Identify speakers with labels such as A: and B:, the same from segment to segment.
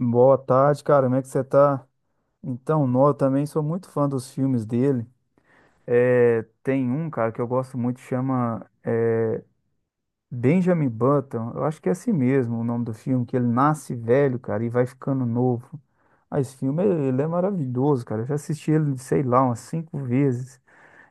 A: Boa tarde, cara. Como é que você tá? Então, nó, eu também sou muito fã dos filmes dele. É, tem um, cara, que eu gosto muito, chama Benjamin Button. Eu acho que é assim mesmo o nome do filme, que ele nasce velho, cara, e vai ficando novo. Ah, esse filme, ele é maravilhoso, cara. Eu já assisti ele, sei lá, umas cinco vezes.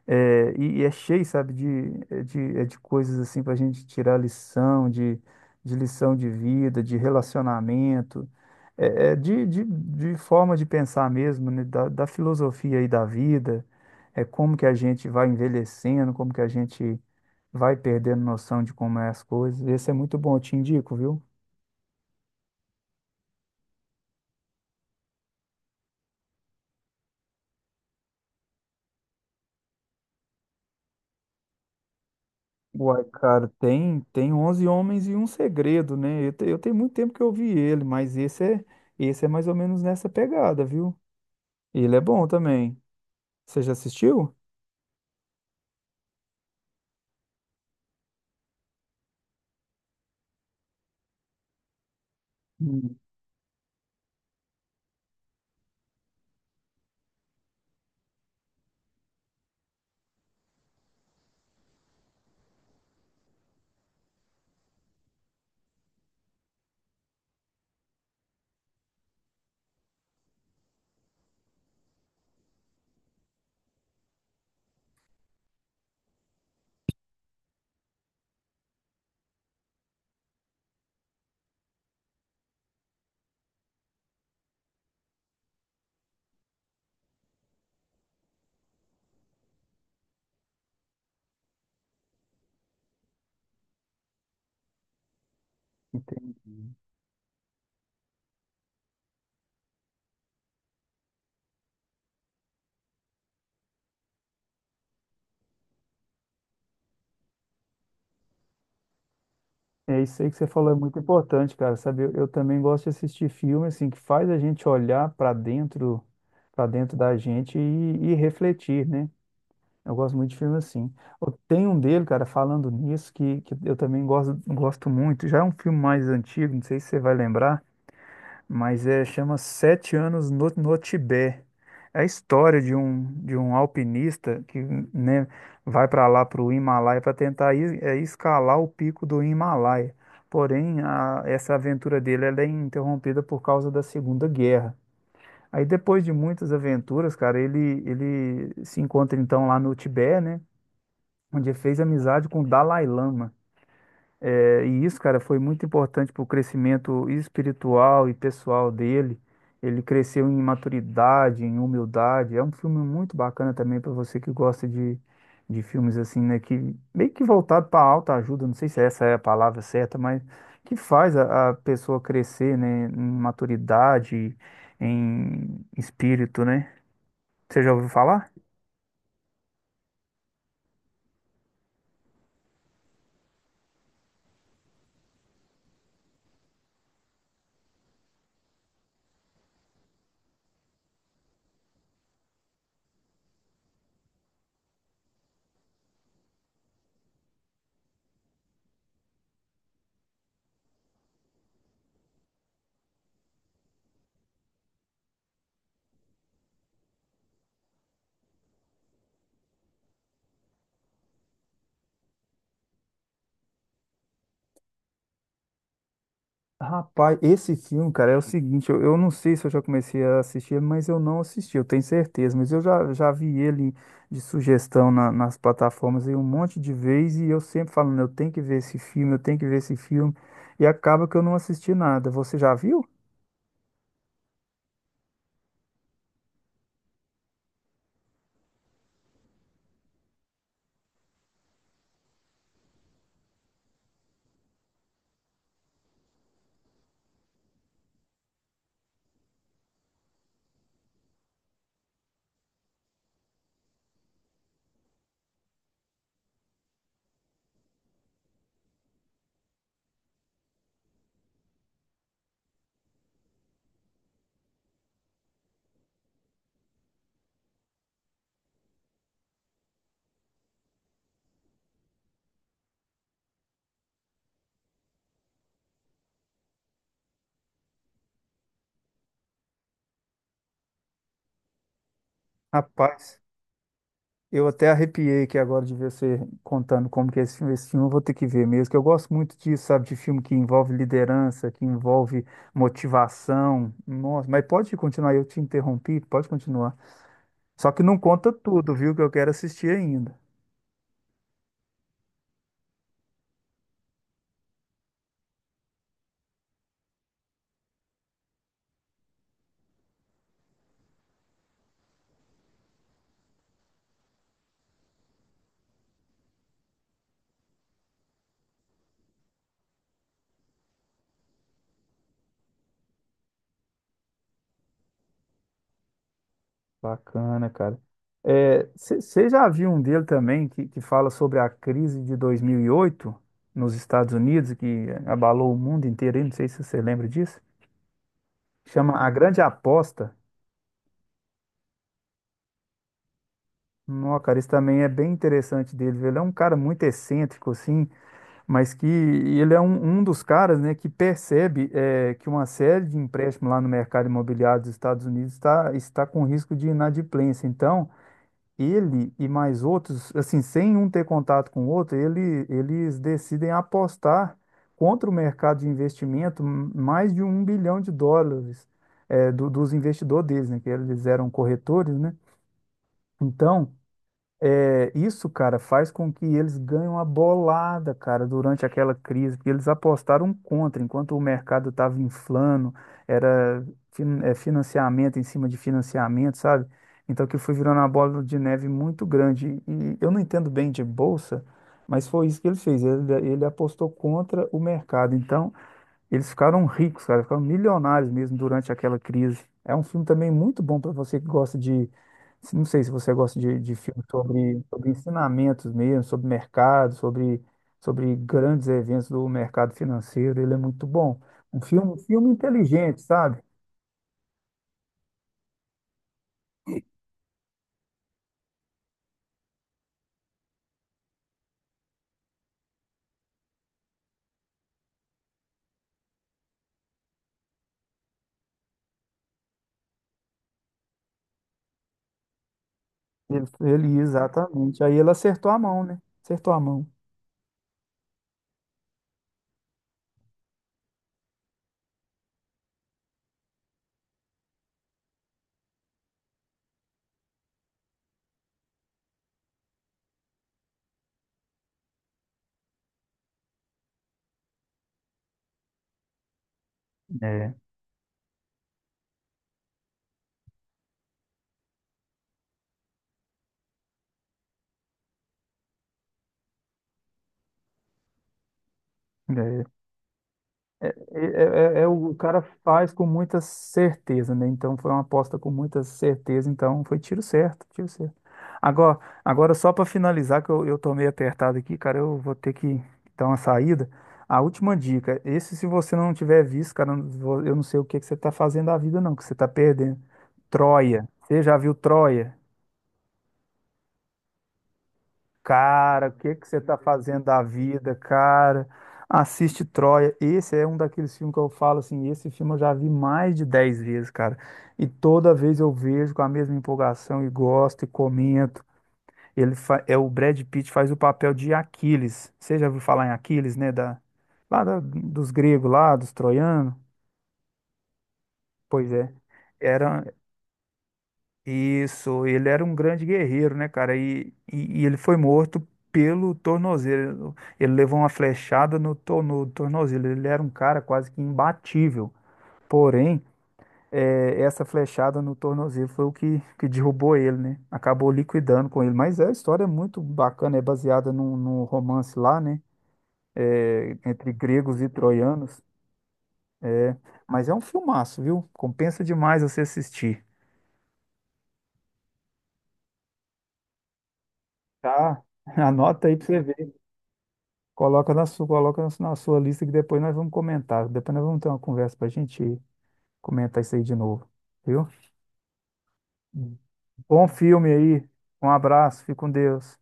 A: E é cheio, sabe, de coisas assim para a gente tirar lição, de lição de vida, de relacionamento, de forma de pensar mesmo, né, da filosofia aí da vida, como que a gente vai envelhecendo, como que a gente vai perdendo noção de como é as coisas. Esse é muito bom, eu te indico, viu? Uai, cara, tem onze Homens e um Segredo, né? Eu tenho muito tempo que eu vi ele, mas esse é mais ou menos nessa pegada, viu? E ele é bom também. Você já assistiu? Hum, Entendi. É isso aí que você falou, é muito importante, cara, sabe? Eu também gosto de assistir filme, assim, que faz a gente olhar para dentro da gente e, refletir, né? Eu gosto muito de filme assim. Eu tenho um dele, cara, falando nisso, que eu também gosto, gosto muito. Já é um filme mais antigo, não sei se você vai lembrar, mas é, chama Sete Anos no Tibete. É a história de um alpinista que, né, vai para lá, para o Himalaia, para tentar escalar o pico do Himalaia. Porém, essa aventura dele ela é interrompida por causa da Segunda Guerra. Aí, depois de muitas aventuras, cara, ele se encontra então lá no Tibete, né, onde ele fez amizade com o Dalai Lama. É, e isso, cara, foi muito importante para o crescimento espiritual e pessoal dele. Ele cresceu em maturidade, em humildade. É um filme muito bacana também para você que gosta de filmes assim, né? Que meio que voltado para alta ajuda, não sei se essa é a palavra certa, mas que faz a, pessoa crescer, né? Em maturidade, em espírito, né? Você já ouviu falar? Rapaz, esse filme, cara, é o seguinte, eu não sei se eu já comecei a assistir, mas eu não assisti, eu tenho certeza, mas eu já, vi ele de sugestão nas plataformas aí um monte de vezes e eu sempre falando, eu tenho que ver esse filme, eu tenho que ver esse filme, e acaba que eu não assisti nada. Você já viu? Rapaz, eu até arrepiei aqui agora de ver você contando como que é esse filme eu vou ter que ver mesmo, que eu gosto muito disso, sabe, de filme que envolve liderança, que envolve motivação. Nossa, mas pode continuar, eu te interrompi, pode continuar. Só que não conta tudo, viu? Que eu quero assistir ainda. Bacana, cara. Você já viu um dele também que, fala sobre a crise de 2008 nos Estados Unidos, que abalou o mundo inteiro? Aí? Não sei se você lembra disso. Chama A Grande Aposta. Não, cara, esse também é bem interessante dele. Viu? Ele é um cara muito excêntrico, assim, mas que ele é um, dos caras, né, que percebe que uma série de empréstimos lá no mercado imobiliário dos Estados Unidos está com risco de inadimplência. Então, ele e mais outros, assim, sem um ter contato com o outro, eles decidem apostar contra o mercado de investimento mais de 1 bilhão de dólares dos investidores deles, né? Que eles eram corretores, né? Então, é, isso, cara, faz com que eles ganhem a bolada, cara, durante aquela crise, porque eles apostaram contra, enquanto o mercado estava inflando, era financiamento em cima de financiamento, sabe? Então que foi virando uma bola de neve muito grande. E eu não entendo bem de bolsa, mas foi isso que ele fez. Ele apostou contra o mercado. Então, eles ficaram ricos, cara, ficaram milionários mesmo durante aquela crise. É um filme também muito bom para você que gosta de. Não sei se você gosta de, filmes sobre, sobre ensinamentos mesmo, sobre mercado, sobre, grandes eventos do mercado financeiro. Ele é muito bom. Um filme inteligente, sabe? Exatamente. Aí ele acertou a mão, né? Acertou a mão. É. É. É, é- é o cara faz com muita certeza, né? Então foi uma aposta com muita certeza, então foi tiro certo, tiro certo. Agora, agora só para finalizar, que eu, tô meio apertado aqui, cara, eu vou ter que dar uma saída. A última dica, esse se você não tiver visto, cara, eu não sei o que que você tá fazendo da vida, não, que você tá perdendo. Troia. Você já viu Troia? Cara, o que que você tá fazendo da vida, cara? Assiste Troia. Esse é um daqueles filmes que eu falo assim, esse filme eu já vi mais de 10 vezes, cara. E toda vez eu vejo com a mesma empolgação e gosto e comento. É o Brad Pitt faz o papel de Aquiles. Você já ouviu falar em Aquiles, né, da lá dos gregos lá, dos troianos? Pois é. Era Isso, ele era um grande guerreiro, né, cara? E ele foi morto pelo tornozelo. Ele levou uma flechada no tornozelo. Ele era um cara quase que imbatível. Porém, essa flechada no tornozelo foi o que, derrubou ele, né? Acabou liquidando com ele. Mas é a história é muito bacana, é baseada num, romance lá, né? Entre gregos e troianos. É, mas é um filmaço, viu? Compensa demais você assistir. Tá? Anota aí pra você ver. Coloca na sua, coloca na sua lista que depois nós vamos comentar. Depois nós vamos ter uma conversa para a gente comentar isso aí de novo, viu? Bom filme aí. Um abraço, fique com Deus.